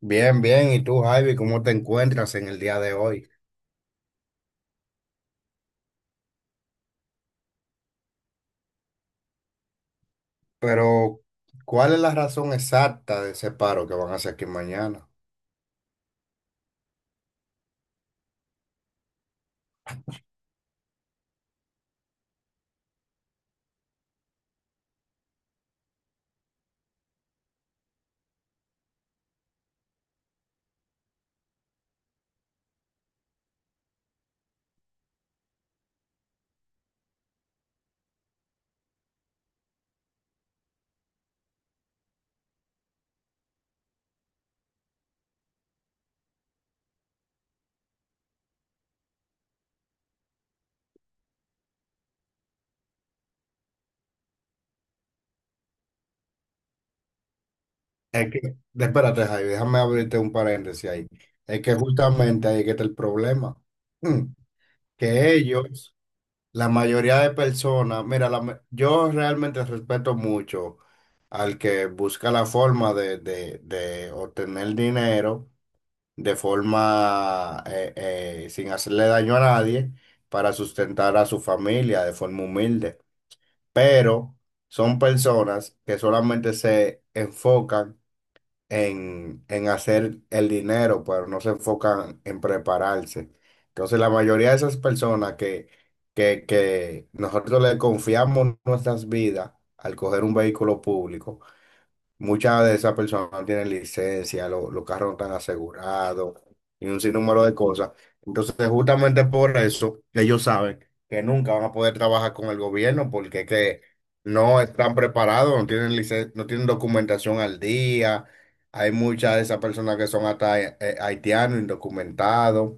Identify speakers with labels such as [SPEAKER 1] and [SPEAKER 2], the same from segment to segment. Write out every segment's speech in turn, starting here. [SPEAKER 1] Bien, bien. ¿Y tú, Javi, cómo te encuentras en el día de hoy? Pero, ¿cuál es la razón exacta de ese paro que van a hacer aquí mañana? Es que, espérate, Javi, déjame abrirte un paréntesis ahí. Es que justamente ahí es que está el problema. Mm. Que ellos, la mayoría de personas, mira, yo realmente respeto mucho al que busca la forma de obtener dinero de forma sin hacerle daño a nadie para sustentar a su familia de forma humilde. Pero son personas que solamente se enfocan en hacer el dinero, pero no se enfocan en prepararse. Entonces la mayoría de esas personas que nosotros le confiamos nuestras vidas al coger un vehículo público. Muchas de esas personas no tienen licencia, los carros no están asegurados y un sinnúmero de cosas. Entonces, justamente por eso, ellos saben que nunca van a poder trabajar con el gobierno porque es que no están preparados, no tienen documentación al día. Hay muchas de esas personas que son hasta haitianos, indocumentados.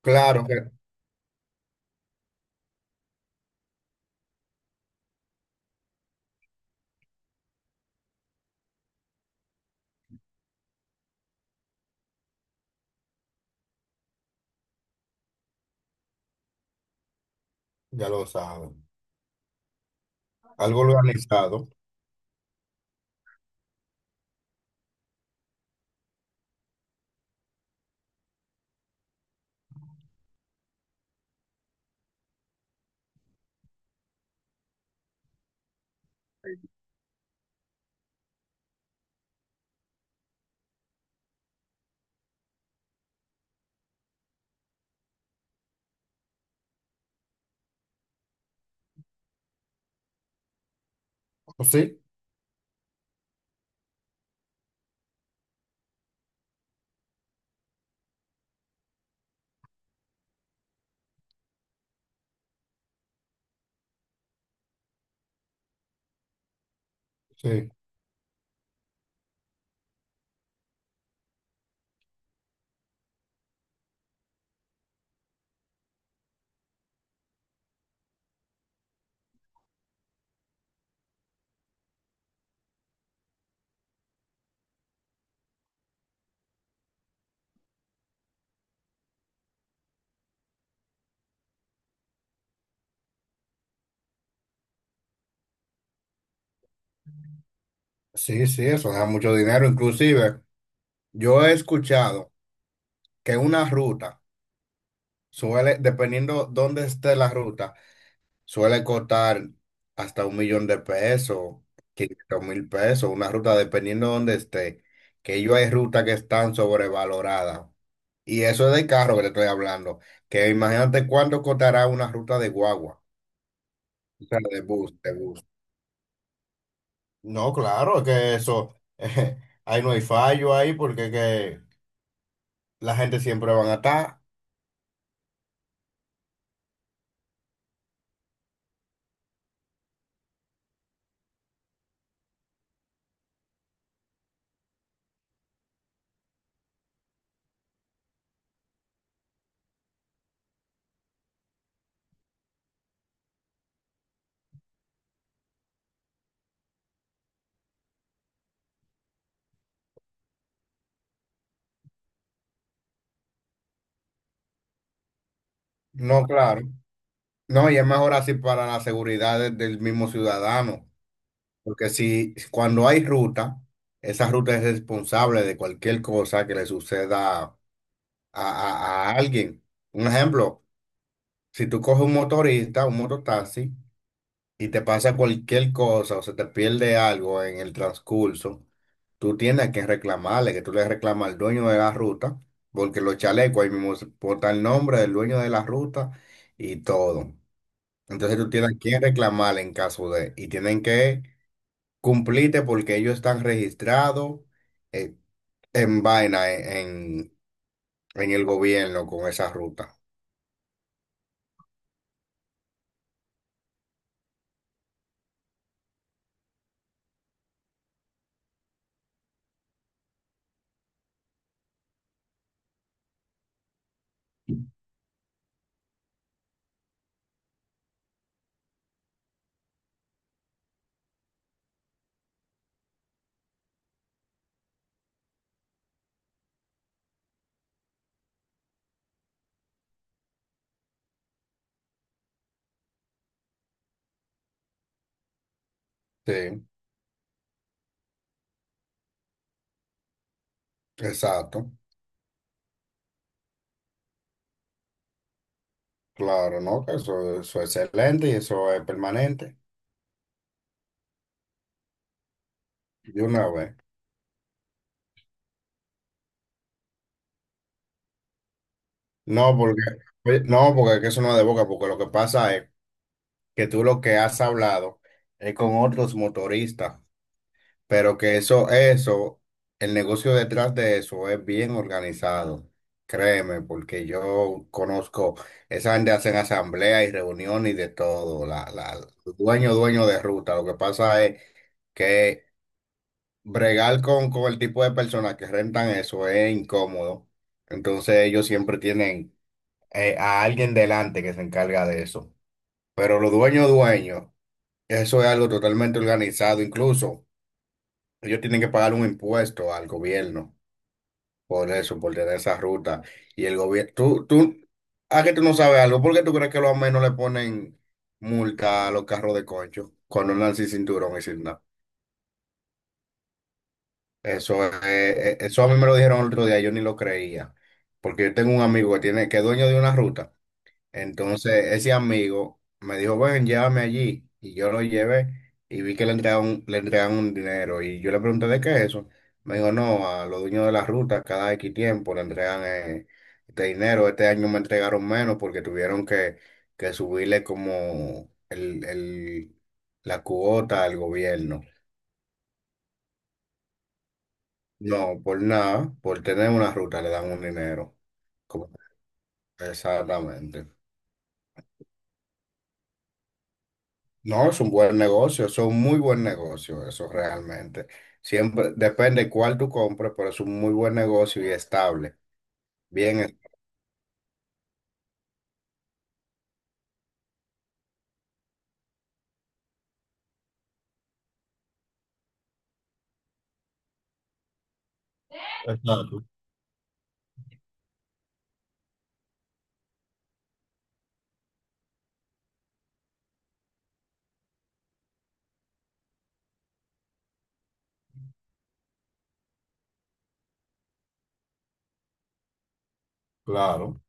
[SPEAKER 1] Claro que ya lo saben. Algo organizado. Sí, sí. Sí, sí, eso da mucho dinero. Inclusive, yo he escuchado que una ruta suele, dependiendo dónde esté la ruta, suele costar hasta 1 millón de pesos, 500.000 pesos, una ruta dependiendo dónde esté, que yo hay rutas que están sobrevaloradas. Y eso es de carro que te estoy hablando, que imagínate cuánto costará una ruta de guagua, o sea, de bus, de bus. No, claro, es que eso, ahí no hay fallo ahí porque que la gente siempre van a estar. No, claro. No, y es mejor así para la seguridad del mismo ciudadano, porque si cuando hay ruta, esa ruta es responsable de cualquier cosa que le suceda a alguien. Un ejemplo, si tú coges un motorista, un mototaxi, y te pasa cualquier cosa o se te pierde algo en el transcurso, tú tienes que reclamarle, que tú le reclamas al dueño de la ruta, porque los chalecos ahí mismo botan el nombre del dueño de la ruta y todo. Entonces tú tienes que reclamar en caso de, y tienen que cumplirte porque ellos están registrados eh, en vaina, en el gobierno con esa ruta. Sí, exacto. Claro, ¿no? Que eso es excelente y eso es permanente. De una vez. No, porque, oye, no, porque es que eso no es de boca, porque lo que pasa es que tú lo que has hablado es con otros motoristas. Pero que eso, el negocio detrás de eso es bien organizado, créeme, porque yo conozco, esa gente hacen asambleas y reuniones y de todo, dueño de ruta, lo que pasa es que bregar con el tipo de personas que rentan eso es incómodo, entonces ellos siempre tienen a alguien delante que se encarga de eso, pero los dueños, dueños, eso es algo totalmente organizado, incluso ellos tienen que pagar un impuesto al gobierno. Por eso, por tener esa ruta. Y el gobierno, tú, ¿a que tú no sabes algo? ¿Por qué tú crees que los no le ponen multa a los carros de concho cuando andan sin cinturón y sin nada? Eso, eso a mí me lo dijeron el otro día, yo ni lo creía. Porque yo tengo un amigo que es dueño de una ruta. Entonces ese amigo me dijo, ven, llévame allí. Y yo lo llevé y vi que le entregaban un dinero. Y yo le pregunté, ¿de qué es eso? Me dijo, no, a los dueños de las rutas cada X tiempo le entregan este dinero. Este año me entregaron menos porque tuvieron que subirle como la cuota al gobierno. No, por nada, por tener una ruta le dan un dinero. Como- Exactamente. No, es un buen negocio, es un muy buen negocio, eso realmente. Siempre depende cuál tú compres, pero es un muy buen negocio y estable. Bien, es- Claro.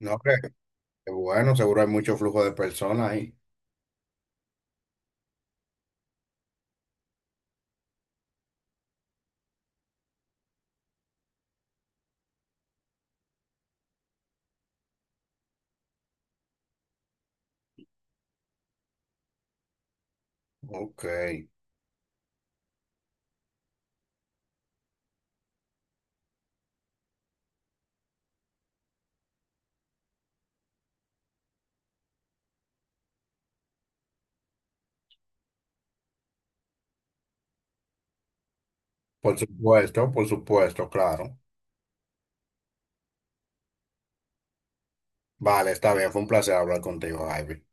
[SPEAKER 1] No, que bueno, seguro hay mucho flujo de personas ahí. Ok, por supuesto, claro. Vale, está bien, fue un placer hablar contigo, Ivy.